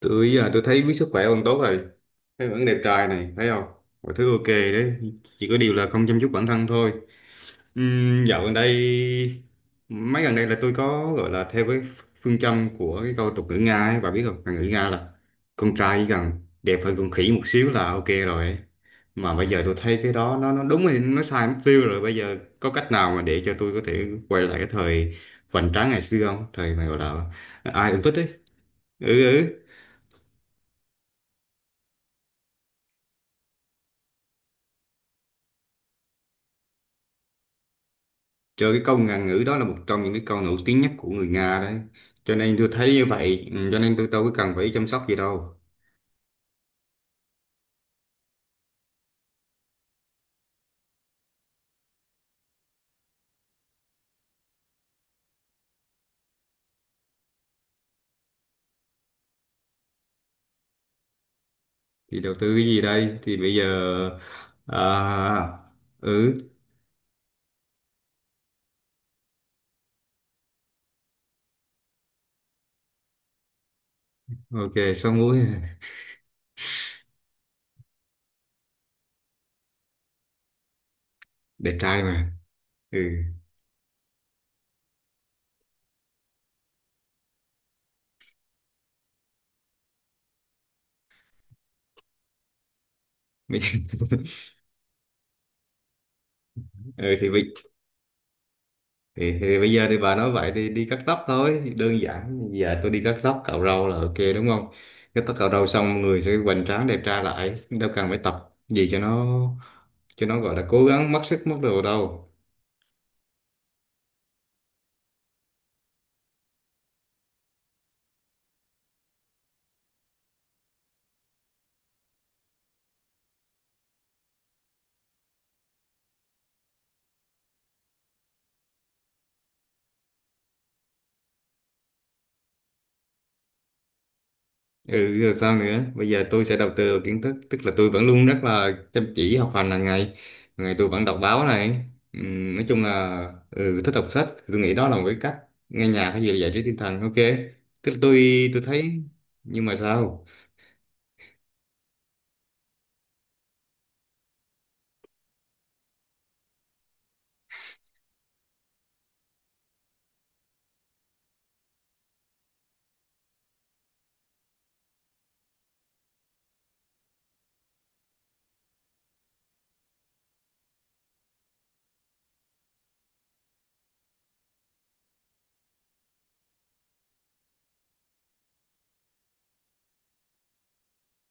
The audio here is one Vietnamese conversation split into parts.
Tôi giờ tôi thấy biết sức khỏe ông tốt rồi, thấy vẫn đẹp trai này, thấy không? Mọi thứ ok đấy, chỉ có điều là không chăm chút bản thân thôi. Dạo gần đây, mấy gần đây là tôi có gọi là theo cái phương châm của cái câu tục ngữ Nga ấy, bà biết không? Ngữ Nga là con trai chỉ cần đẹp hơn con khỉ một xíu là ok rồi ấy. Mà bây giờ tôi thấy cái đó nó đúng rồi, nó sai mục tiêu rồi. Bây giờ có cách nào mà để cho tôi có thể quay lại cái thời vành tráng ngày xưa không, thời mà gọi là ai cũng thích ấy? Ừ, ừ. Trời, cái câu ngạn ngữ đó là một trong những cái câu nổi tiếng nhất của người Nga đấy. Cho nên tôi thấy như vậy, ừ, cho nên tôi đâu có cần phải chăm sóc gì đâu. Thì đầu tư cái gì đây? Thì bây giờ... À, ừ, ok, 6 mũi. Đẹp trai mà. Ừ. Mấy- ừ thì, thì bây giờ thì bà nói vậy thì đi cắt tóc thôi. Thì đơn giản, giờ tôi đi cắt tóc, cạo râu là ok đúng không? Cắt tóc cạo râu xong người sẽ hoành tráng đẹp trai lại. Đâu cần phải tập gì cho nó gọi là cố gắng mất sức mất đồ đâu. Ừ, rồi sao nữa? Bây giờ tôi sẽ đầu tư vào kiến thức, tức là tôi vẫn luôn rất là chăm chỉ học hành hàng ngày. Hàng ngày tôi vẫn đọc báo này. Nói chung là ừ, thích đọc sách, tôi nghĩ đó là một cái cách nghe nhạc hay gì là giải trí tinh thần, ok. Tức là tôi thấy, nhưng mà sao?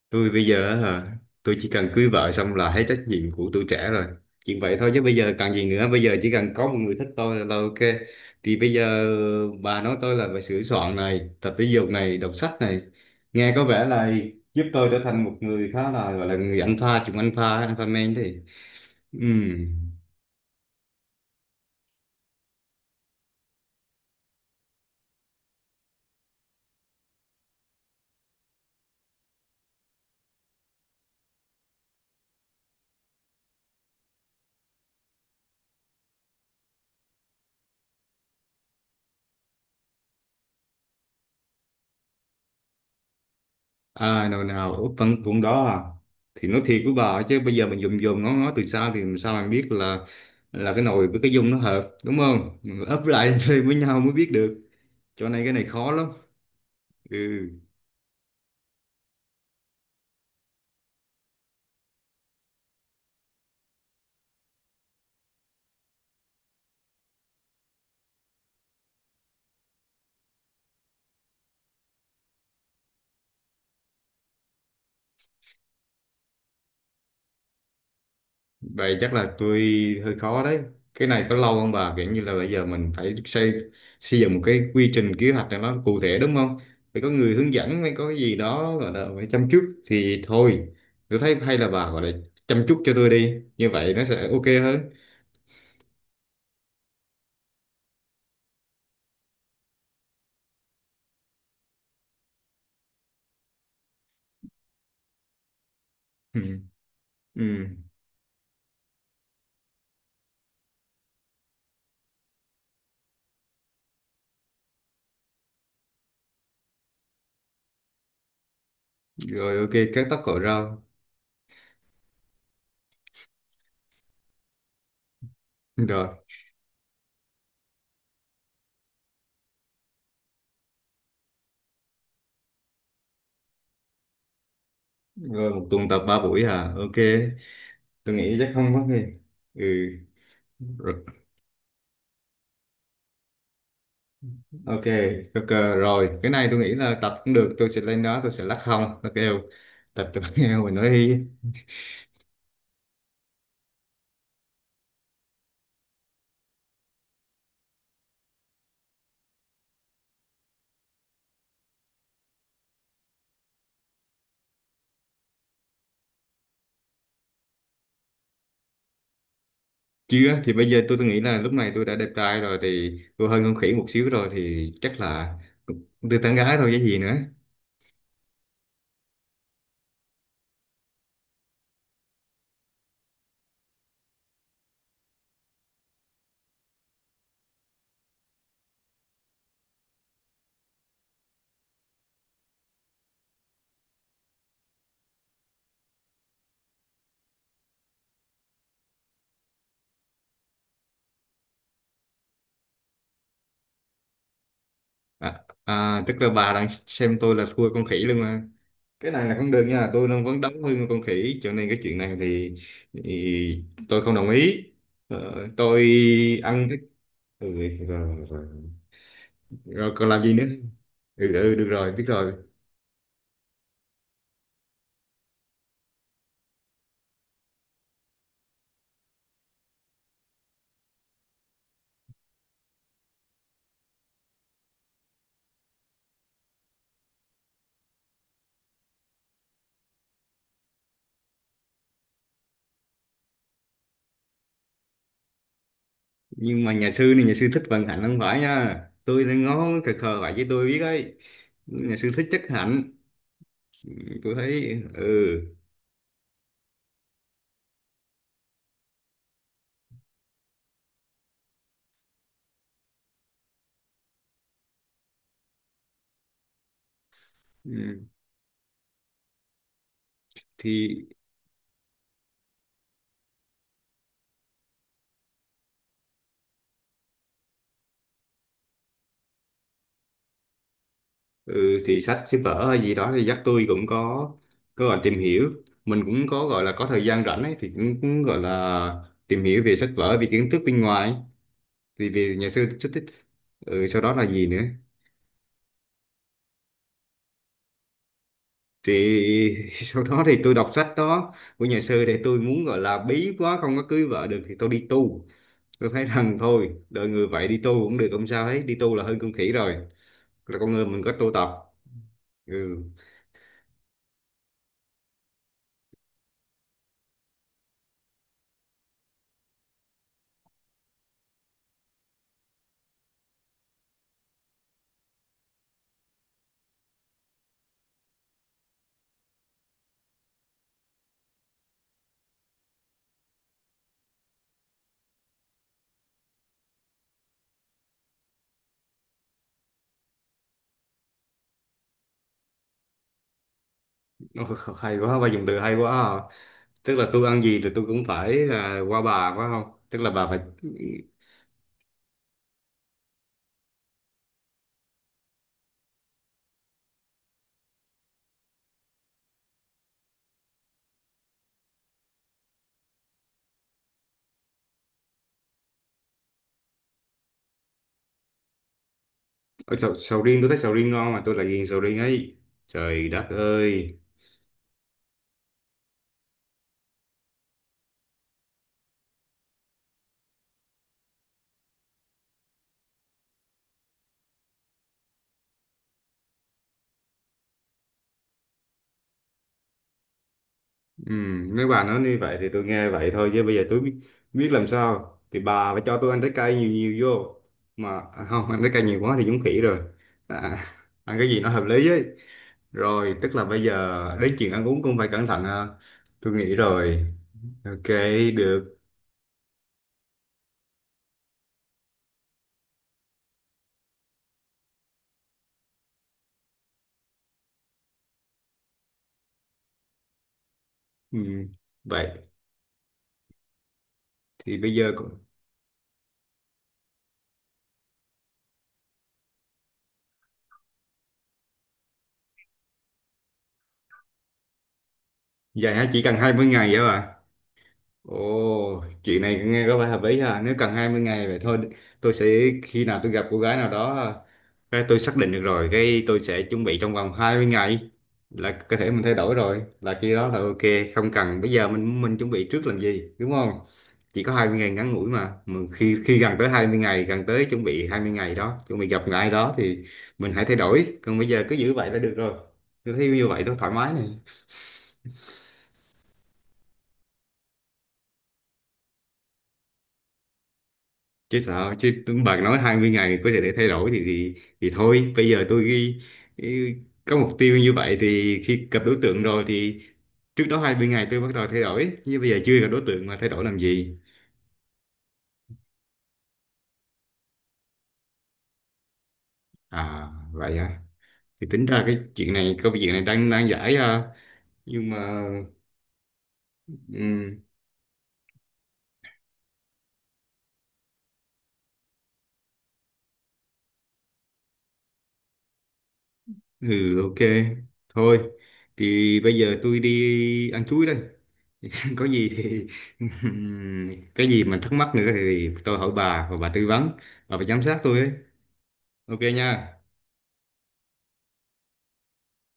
Tôi bây giờ á hả, tôi chỉ cần cưới vợ xong là hết trách nhiệm của tuổi trẻ rồi, chuyện vậy thôi chứ bây giờ cần gì nữa? Bây giờ chỉ cần có một người thích tôi là ok. Thì bây giờ bà nói tôi là phải sửa soạn này, tập thể dục này, đọc sách này, nghe có vẻ là giúp tôi trở thành một người khá là gọi là người alpha, chủng alpha alpha man thì ừ. À, nào nào, ở phần vùng đó à? Thì nói thiệt với bà ấy chứ bây giờ mình dùng dùng ngó ngó từ xa thì làm sao mình biết là cái nồi với cái dung nó hợp đúng không? Mình ấp lại lên với nhau mới biết được. Cho nên cái này khó lắm. Ừ, vậy chắc là tôi hơi khó đấy. Cái này có lâu không bà? Kiểu như là bây giờ mình phải xây xây dựng một cái quy trình kế hoạch cho nó cụ thể đúng không? Phải có người hướng dẫn, phải có cái gì đó gọi là phải chăm chút thì thôi. Tôi thấy hay là bà gọi là chăm chút cho tôi đi. Như vậy nó sẽ ok hơn. Ừ, rồi ok cắt tóc cội rau. Rồi, rồi một tuần tập 3 buổi à, ok. Tôi nghĩ chắc không có gì. Ừ, rồi. Ok, ok. Rồi cái này tôi nghĩ là tập cũng được, tôi sẽ lên đó tôi sẽ lắc không nó kêu, tập cho nó nghe mình nói hi. Chưa thì bây giờ tôi nghĩ là lúc này tôi đã đẹp trai rồi thì tôi hơn con khỉ một xíu rồi thì chắc là tôi tán gái thôi chứ gì nữa. À, à, tức là bà đang xem tôi là thua con khỉ luôn mà. Cái này là không được nha, tôi đang vấn đống hơn con khỉ, cho nên cái chuyện này thì tôi không đồng ý. Tôi ăn cái, ừ, rồi, rồi. Rồi còn làm gì nữa? Ừ, ừ được rồi, biết rồi. Nhưng mà nhà sư này, nhà sư thích vận hạnh không phải nha, tôi đang ngó khờ khờ vậy chứ tôi biết ấy, nhà sư thích chất hạnh. Ừ, tôi thấy ừ. Ừ, thì. Ừ, thì sách sách vở hay gì đó thì dắt tôi cũng có gọi tìm hiểu. Mình cũng có gọi là có thời gian rảnh ấy thì cũng gọi là tìm hiểu về sách vở, về kiến thức bên ngoài, thì về nhà sư xuất thích. Ừ, sau đó là gì nữa? Thì sau đó thì tôi đọc sách đó của nhà sư để tôi muốn gọi là bí quá không có cưới vợ được thì tôi đi tu. Tôi thấy rằng thôi đời người vậy đi tu cũng được, không sao hết, đi tu là hơn con khỉ rồi, là con người mình có tu tập. Ừ. Ôi, hay quá, bà dùng từ hay quá à. Tức là tôi ăn gì thì tôi cũng phải là qua bà phải không, tức là bà phải... Ở sầu riêng, tôi thấy sầu riêng ngon mà tôi lại ghiền sầu riêng ấy, trời đất ơi. Ừ, nếu bà nói như vậy thì tôi nghe vậy thôi chứ bây giờ tôi biết, biết làm sao. Thì bà phải cho tôi ăn trái cây nhiều nhiều vô, mà à, không ăn trái cây nhiều quá thì giống khỉ rồi. À, ăn cái gì nó hợp lý ấy. Rồi tức là bây giờ đến chuyện ăn uống cũng phải cẩn thận ha. Tôi nghĩ rồi, ok, được. Ừ. Vậy thì bây giờ cũng... Dài hả, chỉ cần 20 ngày hả bà? Ồ, chuyện này nghe có vẻ hợp lý ha, nếu cần 20 ngày vậy thôi. Tôi sẽ, khi nào tôi gặp cô gái nào đó cái tôi xác định được rồi cái tôi sẽ chuẩn bị trong vòng 20 ngày là cơ thể mình thay đổi rồi, là khi đó là ok. Không cần bây giờ mình chuẩn bị trước làm gì đúng không? Chỉ có 20 ngày ngắn ngủi mà. Mà khi khi gần tới 20 ngày, gần tới chuẩn bị 20 ngày đó, chuẩn bị gặp người ai đó thì mình hãy thay đổi, còn bây giờ cứ giữ vậy là được rồi. Tôi thấy như vậy nó thoải mái này. Chứ sao, chứ bạn nói 20 ngày có thể để thay đổi thì thì thôi bây giờ tôi ghi, ghi- có mục tiêu như vậy thì khi gặp đối tượng rồi thì trước đó 20 ngày tôi bắt đầu thay đổi, nhưng bây giờ chưa gặp đối tượng mà thay đổi làm gì? À, vậy à? Thì tính ra cái chuyện này, câu chuyện này đang đang giải à. Nhưng mà ừ, ừ, ok, thôi thì bây giờ tôi đi ăn chuối đây, có gì thì cái gì mà thắc mắc nữa thì tôi hỏi bà và bà tư vấn, bà phải giám sát tôi ấy. Ok nha.